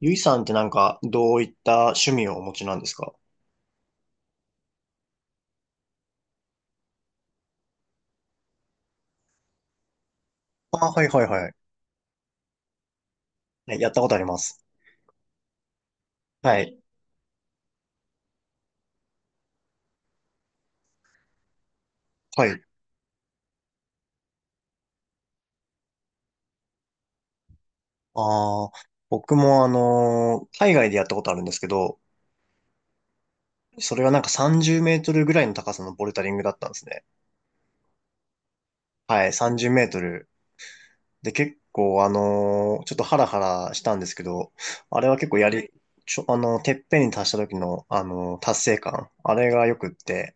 ゆいさんってどういった趣味をお持ちなんですか？あ、はいはいはい。ね、やったことあります。はい。はい。ああ、僕も海外でやったことあるんですけど、それはなんか30メートルぐらいの高さのボルダリングだったんですね。はい、30メートル。で、結構ちょっとハラハラしたんですけど、あれは結構やり、ちょ、てっぺんに達した時の、達成感。あれがよくって、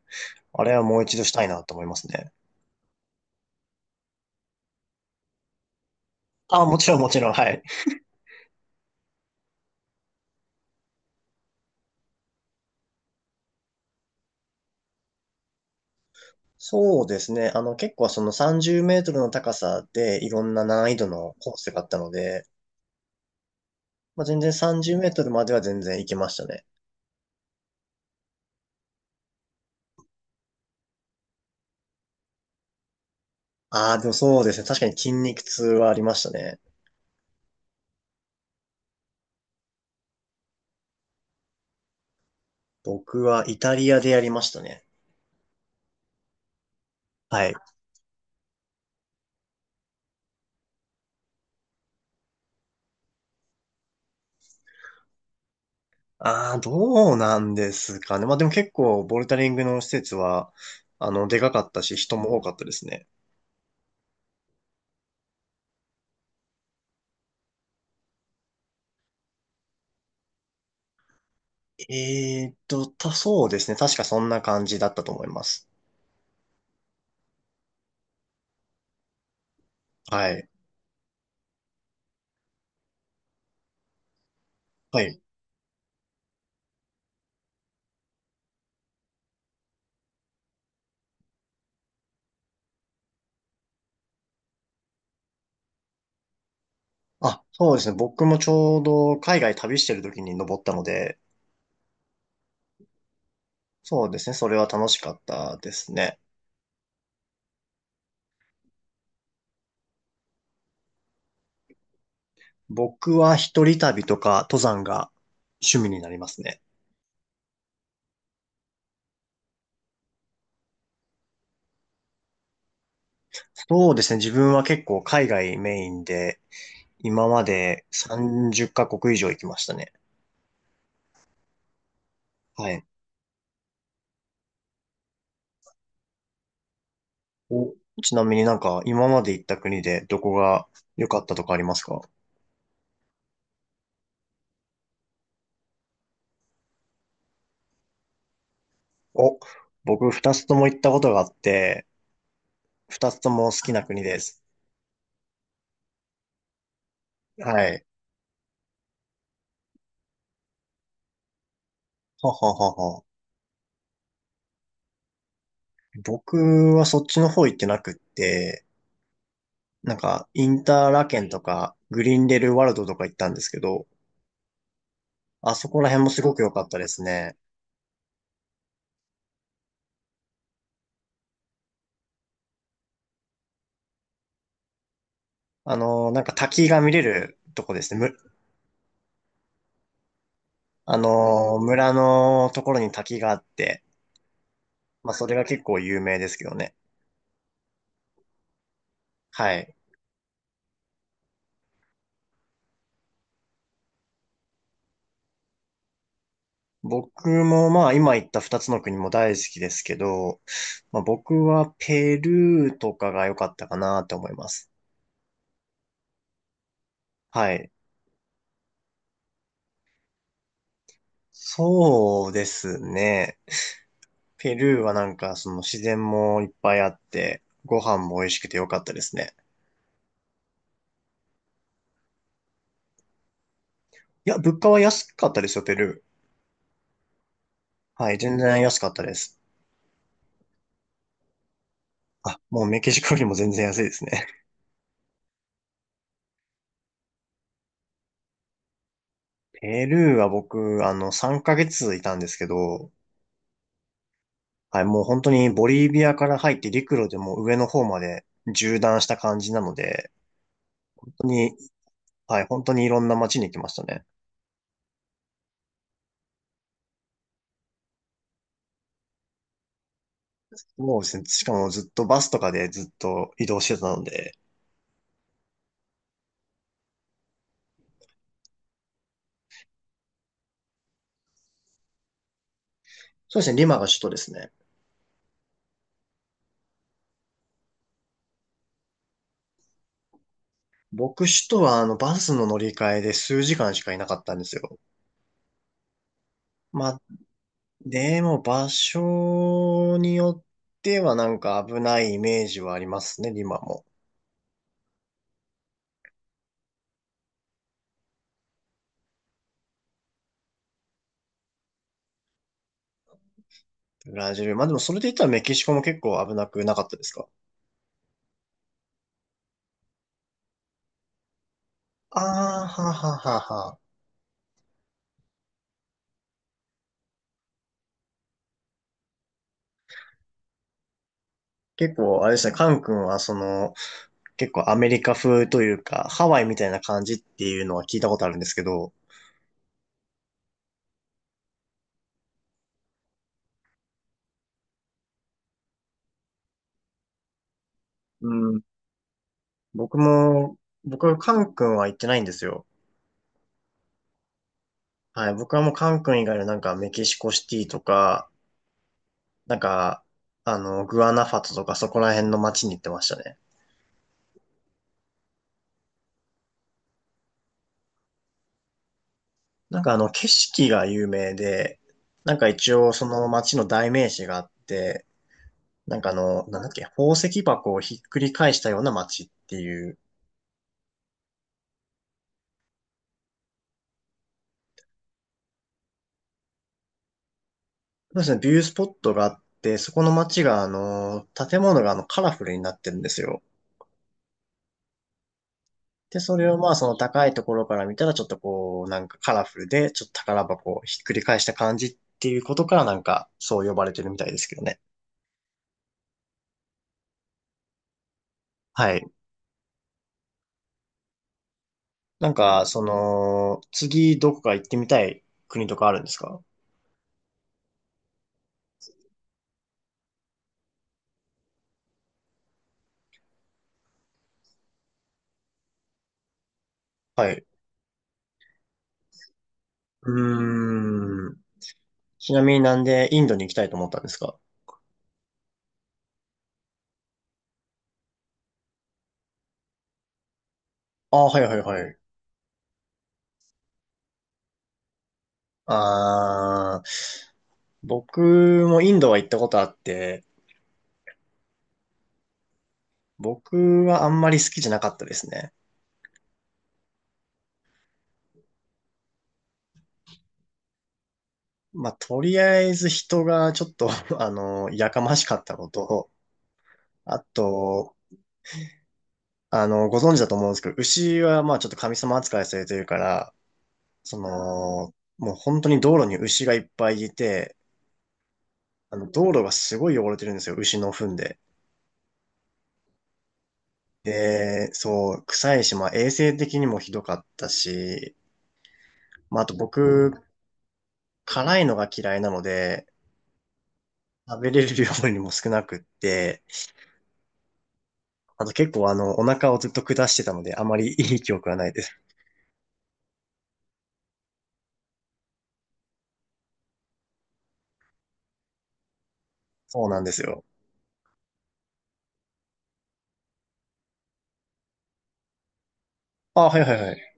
あれはもう一度したいなと思いますね。あ、もちろんもちろん、はい。そうですね。あの、結構その30メートルの高さでいろんな難易度のコースがあったので、まあ、全然30メートルまでは全然行けましたね。ああ、でもそうですね。確かに筋肉痛はありましたね。僕はイタリアでやりましたね。はい。ああ、どうなんですかね。まあでも結構ボルダリングの施設は、あの、でかかったし、人も多かったですね。そうですね。確かそんな感じだったと思います。はい。はい。あ、そうですね。僕もちょうど海外旅してる時に登ったので、そうですね。それは楽しかったですね。僕は一人旅とか登山が趣味になりますね。そうですね。自分は結構海外メインで、今まで30カ国以上行きましたね。はい。お、ちなみになんか今まで行った国でどこが良かったとかありますか？お、僕二つとも行ったことがあって、二つとも好きな国です。はい。ほはほは。僕はそっちの方行ってなくって、なんか、インターラケンとか、グリーンレルワールドとか行ったんですけど、あそこら辺もすごく良かったですね。あの、なんか滝が見れるとこですね。あの、村のところに滝があって、まあそれが結構有名ですけどね。はい。僕もまあ今言った二つの国も大好きですけど、まあ僕はペルーとかが良かったかなと思います。はい。そうですね。ペルーはなんか、その自然もいっぱいあって、ご飯も美味しくてよかったですね。いや、物価は安かったですよ、ペルー。はい、全然安かったです。あ、もうメキシコよりも全然安いですね。ペルーは僕、あの、3ヶ月いたんですけど、はい、もう本当にボリビアから入って陸路でもう上の方まで縦断した感じなので、本当に、はい、本当にいろんな街に行きましたね。もうですね、しかもずっとバスとかでずっと移動してたので、そうですね、リマが首都ですね。僕首都はあのバスの乗り換えで数時間しかいなかったんですよ。まあ、でも場所によってはなんか危ないイメージはありますね、今も。ブラジル。まあでもそれで言ったらメキシコも結構危なくなかったですか？ああ、はははは。結構、あれですね、カン君はその、結構アメリカ風というか、ハワイみたいな感じっていうのは聞いたことあるんですけど、うん、僕も、僕、カン君は行ってないんですよ。はい、僕はもうカン君以外のなんかメキシコシティとか、なんか、あの、グアナファトとかそこら辺の街に行ってましたね。なんかあの、景色が有名で、なんか一応その街の代名詞があって、なんかあの、なんだっけ、宝石箱をひっくり返したような街っていう、そうですね、ビュースポットがあって、そこの街があの、建物があの、カラフルになってるんですよ。で、それをまあその高いところから見たらちょっとこう、なんかカラフルで、ちょっと宝箱をひっくり返した感じっていうことからなんかそう呼ばれてるみたいですけどね。はい。なんか、その、次どこか行ってみたい国とかあるんですか？はい。うーん。ちなみになんでインドに行きたいと思ったんですか？ああー、はいはいはい。ああ、僕もインドは行ったことあって、僕はあんまり好きじゃなかったですね。まあ、とりあえず人がちょっと あの、やかましかったことを、あと、あの、ご存知だと思うんですけど、牛はまあちょっと神様扱いされてるから、その、もう本当に道路に牛がいっぱいいて、あの、道路がすごい汚れてるんですよ、牛の糞で。で、そう、臭いし、まあ衛生的にもひどかったし、まああと僕、辛いのが嫌いなので、食べれる量にも少なくって、あと結構あの、お腹をずっと下してたので、あまりいい記憶はないです。そうなんですよ。あ、はいはいはい。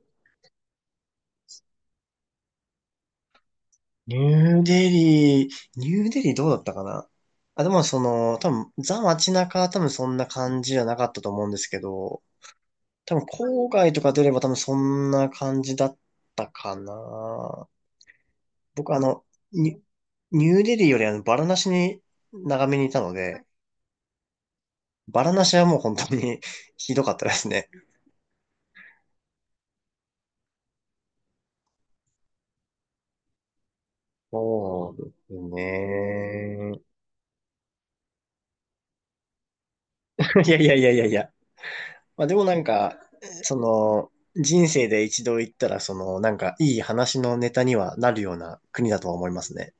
ニューデリー、ニューデリーどうだったかな。あ、でもその、多分、ザ街中は多分そんな感じじゃなかったと思うんですけど、多分郊外とか出れば多分そんな感じだったかな。僕あの、ニニューデリーよりあの、バラナシに長めにいたので、バラナシはもう本当に ひどかったですね。そうですね。いやいやいやいやいや。まあでもなんか、その、人生で一度行ったら、その、なんか、いい話のネタにはなるような国だとは思いますね。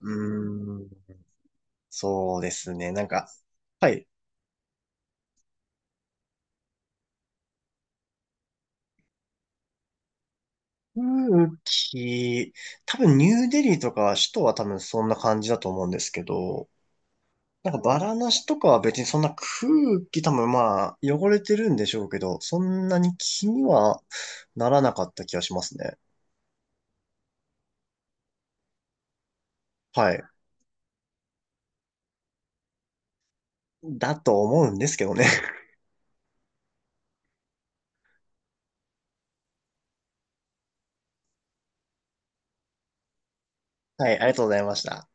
うーん、そうですね。なんか、はい。空気、多分ニューデリーとか首都は多分そんな感じだと思うんですけど、なんかバラナシとかは別にそんな空気多分まあ汚れてるんでしょうけど、そんなに気にはならなかった気がしますね。はい。だと思うんですけどね。はい、ありがとうございました。